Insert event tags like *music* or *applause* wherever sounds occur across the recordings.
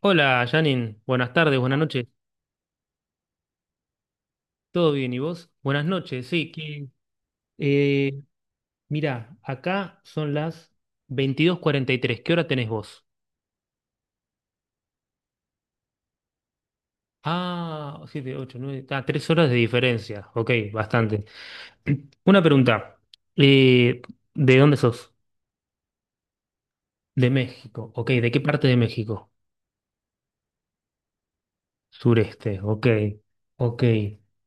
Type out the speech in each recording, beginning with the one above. Hola, Janin. Buenas tardes, buenas noches. ¿Todo bien? ¿Y vos? Buenas noches, sí. Eh, Mirá, acá son las 22:43. ¿Qué hora tenés vos? Ah, 7, 8, 9. Ah, 3 horas de diferencia. Ok, bastante. *clears throat* Una pregunta. Eh, ¿De dónde sos? De México. Ok, ¿de qué parte de México? Sureste, ok, ok.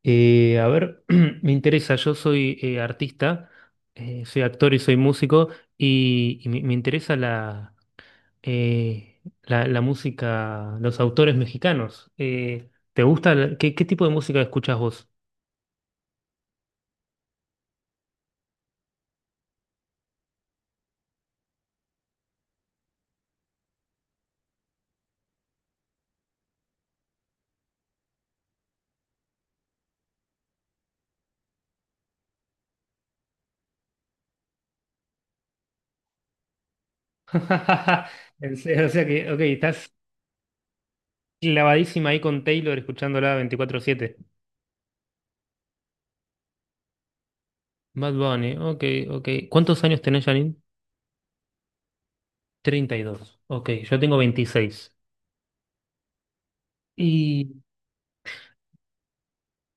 A ver, *clears throat* me interesa, yo soy, artista, soy actor y soy músico, y me interesa la música, los autores mexicanos. ¿Te gusta? ¿Qué tipo de música escuchas vos? *laughs* En serio. O sea que, ok, estás clavadísima ahí con Taylor escuchándola 24/7. Bad Bunny, ok, ok. ¿Cuántos años tenés, Janine? 32. Ok, yo tengo 26. Y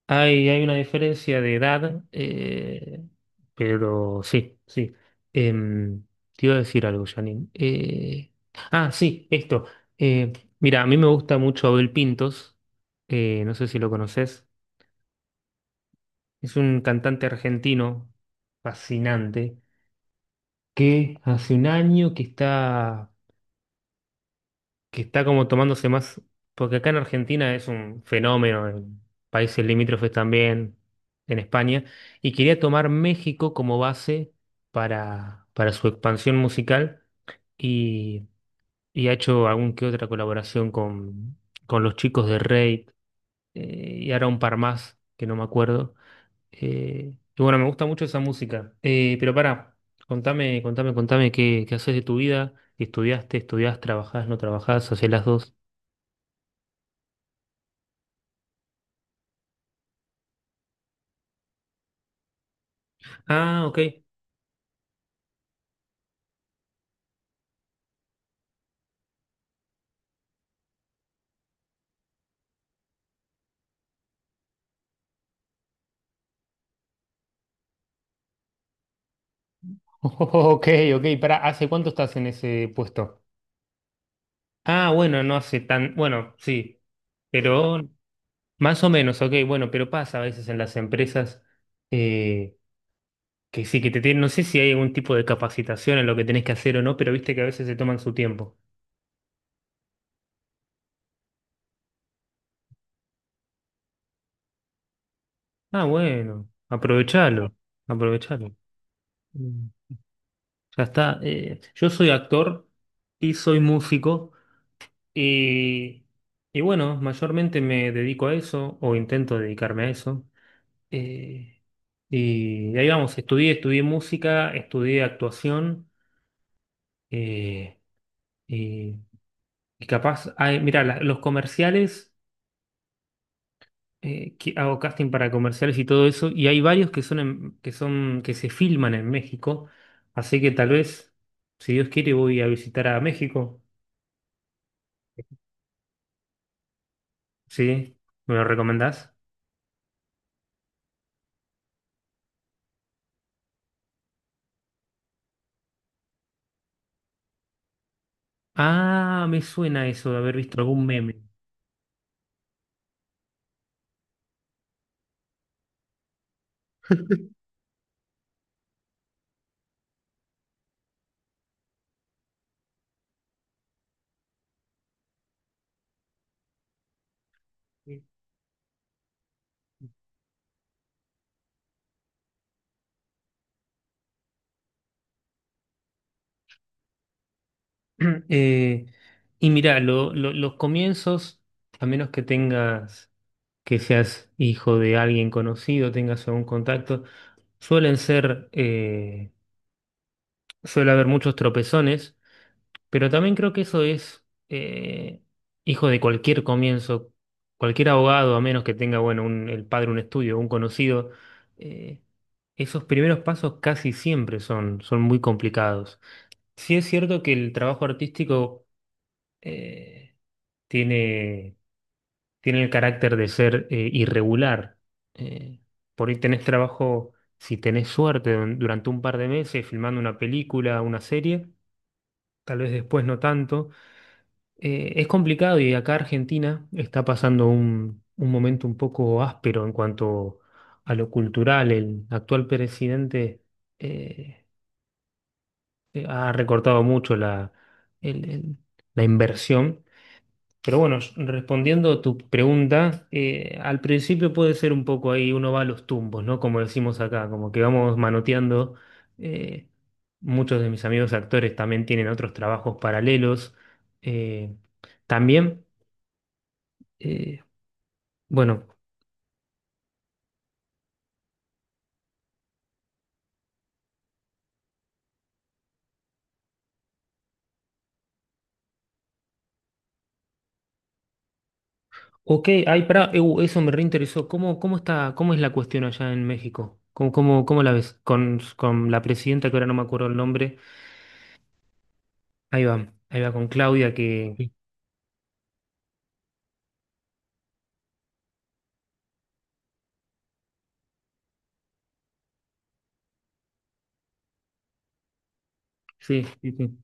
Hay, hay una diferencia de edad, pero sí, sí. Em, Te iba a decir algo, Janine. Ah, sí, esto. Eh, Mira, a mí me gusta mucho Abel Pintos. No sé si lo conoces. Es un cantante argentino fascinante que hace un año que está como tomándose más, porque acá en Argentina es un fenómeno, en países limítrofes también, en España, y quería tomar México como base para, su expansión musical y, ha hecho algún que otra colaboración con, los chicos de Reid. Y ahora un par más que no me acuerdo. Y bueno, me gusta mucho esa música. Pero para contame, contame qué, haces de tu vida. Si ¿estudiaste, estudiás, trabajás, no trabajás, hacés las dos? Ah, ok. *laughs* Ok, ok, para, ¿hace cuánto estás en ese puesto? Ah, bueno, no hace tan, bueno, sí, pero más o menos, ok, bueno, pero pasa a veces en las empresas, eh, que sí, que te tienen, no sé si hay algún tipo de capacitación en lo que tenés que hacer o no, pero viste que a veces se toman su tiempo. Ah, bueno, aprovechalo, aprovechalo. Mm. Ya está. Yo soy actor y soy músico. Y, y bueno, mayormente me dedico a eso o intento dedicarme a eso. Eh, y ahí vamos, estudié música, estudié actuación, eh, y, y capaz, mira, los comerciales, que hago casting para comerciales y todo eso, y hay varios que son, que se filman en México, así que tal vez, si Dios quiere, voy a visitar a México, ¿sí? ¿Me lo recomendás? Ah, me suena eso de haber visto algún meme. Sí. *clears throat* Eh, y mira, los comienzos, a menos que tengas, que seas hijo de alguien conocido, tengas algún contacto, suelen ser, suele haber muchos tropezones, pero también creo que eso es, hijo de cualquier comienzo, cualquier abogado, a menos que tenga, bueno, el padre, un estudio, un conocido, eh, esos primeros pasos casi siempre son, muy complicados. Sí es cierto que el trabajo artístico, eh, tiene, el carácter de ser, irregular. Eh, por ahí tenés trabajo, si tenés suerte, durante un par de meses filmando una película, una serie, tal vez después no tanto. Es complicado y acá Argentina está pasando un, momento un poco áspero en cuanto a lo cultural. El actual presidente, eh, ha recortado mucho el- el- la inversión. Pero bueno, respondiendo a tu pregunta, al principio puede ser un poco ahí, uno va a los tumbos, ¿no? Como decimos acá, como que vamos manoteando. eh, Muchos de mis amigos actores también tienen otros trabajos paralelos. eh, También, eh, bueno, ok, ay, pará, eso me reinteresó. ¿Cómo está, cómo es la cuestión allá en México? ¿Cómo la ves? Con, la presidenta, que ahora no me acuerdo el nombre. Ahí va con Claudia, que... Sí. Sí, sí, sí.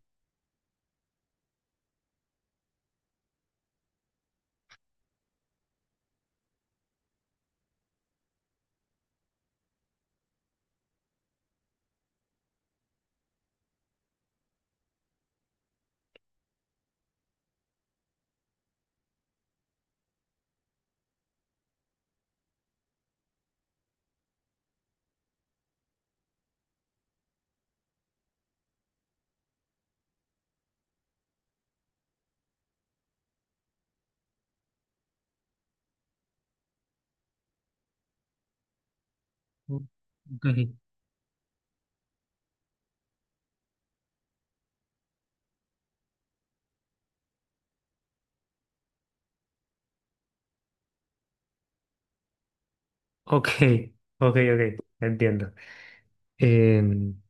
Ok. Ok, ok, ok, entiendo. Em,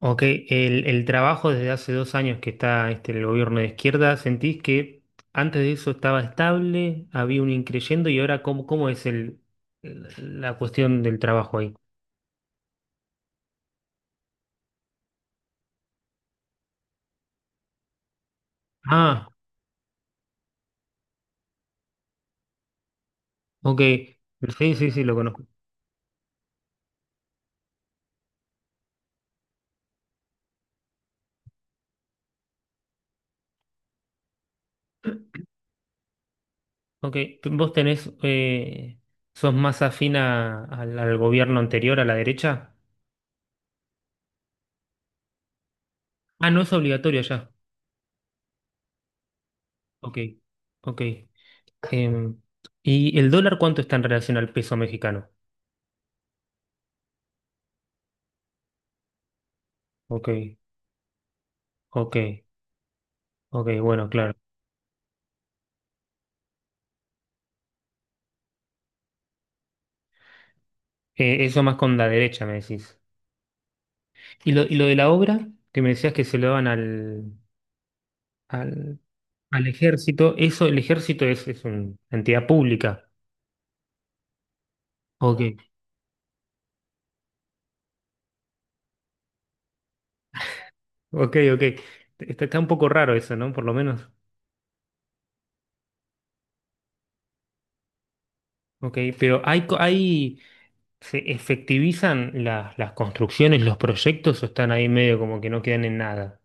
ok, el trabajo desde hace 2 años que está este, el gobierno de izquierda, ¿sentís que antes de eso estaba estable, había un increyendo y ahora cómo es la cuestión del trabajo ahí? Ah, ok, sí, sí, sí, lo conozco. Ok, ¿vos tenés, sos más afina al gobierno anterior, a la derecha? Ah, no es obligatorio ya. Ok, ok. Em, ¿Y el dólar cuánto está en relación al peso mexicano? Ok, ok, ok, bueno, claro. Eso más con la derecha, me decís. ¿Y lo, de la obra que me decías que se lo daban al, al ejército? Eso, el ejército es, una entidad pública. Ok, ok, ok. Está, un poco raro eso, ¿no? Por lo menos. Ok, pero ¿hay, se efectivizan las, construcciones, los proyectos o están ahí medio como que no quedan en nada?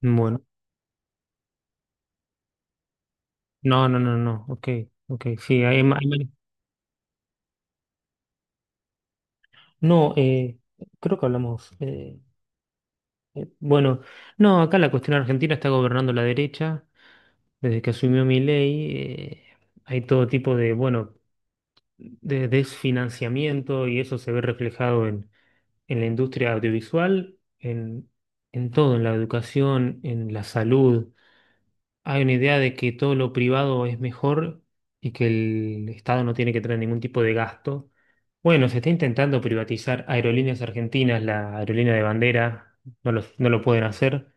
Bueno. No, no, no, no. Ok, ok. Sí, no, creo que hablamos. Bueno, no, acá la cuestión argentina está gobernando la derecha. Desde que asumió Milei, hay todo tipo de, bueno, de desfinanciamiento y eso se ve reflejado en, la industria audiovisual, en, todo, en la educación, en la salud. Hay una idea de que todo lo privado es mejor y que el Estado no tiene que tener ningún tipo de gasto. Bueno, se está intentando privatizar Aerolíneas Argentinas, la aerolínea de bandera, no lo, pueden hacer.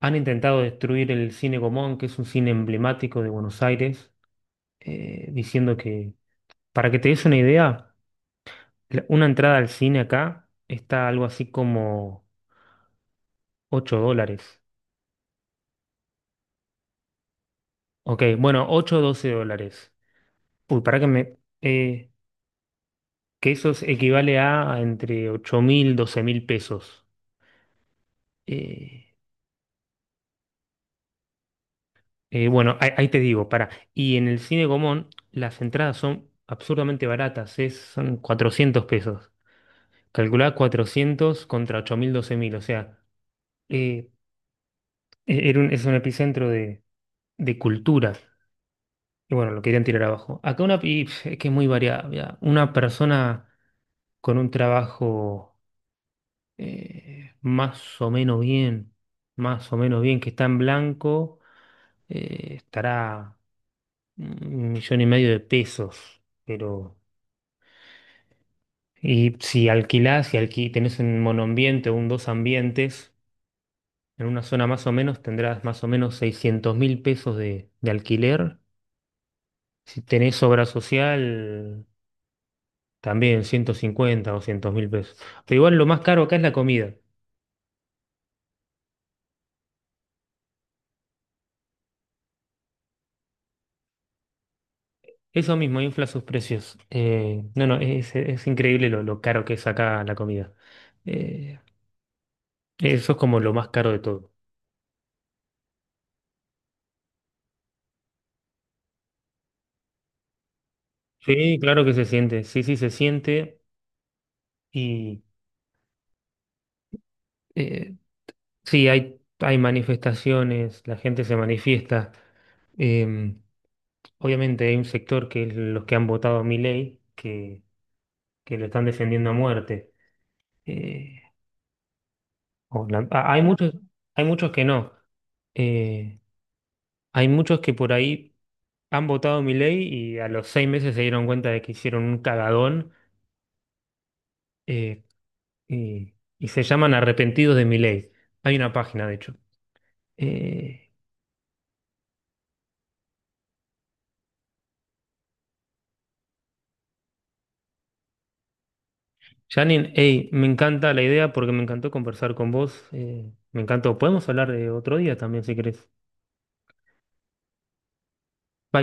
Han intentado destruir el Cine Gomón, que es un cine emblemático de Buenos Aires, diciendo que, para que te des una idea, una entrada al cine acá está algo así como $8. Ok, bueno, 8 o $12. Uy, para que me... que eso equivale a entre 8.000, 12.000 pesos. Eh, bueno, ahí, te digo, para. Y en el cine Gomón las entradas son absurdamente baratas, son 400 pesos. Calculá 400 contra 8.000, 12.000, o sea, eh, es un epicentro de, cultura. Y bueno, lo querían tirar abajo. Acá una, es que es muy variable. Ah. Una persona con un trabajo, más o menos bien, más o menos bien, que está en blanco, estará 1.500.000 de pesos, pero y si alquilás, si alquí, tenés un monoambiente o un dos ambientes, en una zona más o menos tendrás más o menos 600.000 pesos de, alquiler. Si tenés obra social, también 150 o 200 mil pesos. Pero igual lo más caro acá es la comida. Eso mismo, infla sus precios. No, no, es, increíble lo, caro que es acá la comida. Eh, Eso es como lo más caro de todo. Sí, claro que se siente, sí, sí, se siente y, eh, sí, hay, manifestaciones, la gente se manifiesta. Eh, Obviamente hay un sector que es los que han votado a Milei, que, lo están defendiendo a muerte. Eh, Hay muchos, que no. Eh, Hay muchos que por ahí Han votado mi ley y a los 6 meses se dieron cuenta de que hicieron un cagadón, eh, y, y se llaman Arrepentidos de mi ley. Hay una página, de hecho. Eh, Janine, hey, me encanta la idea porque me encantó conversar con vos. Me encantó. Podemos hablar de otro día también, si querés. Bye.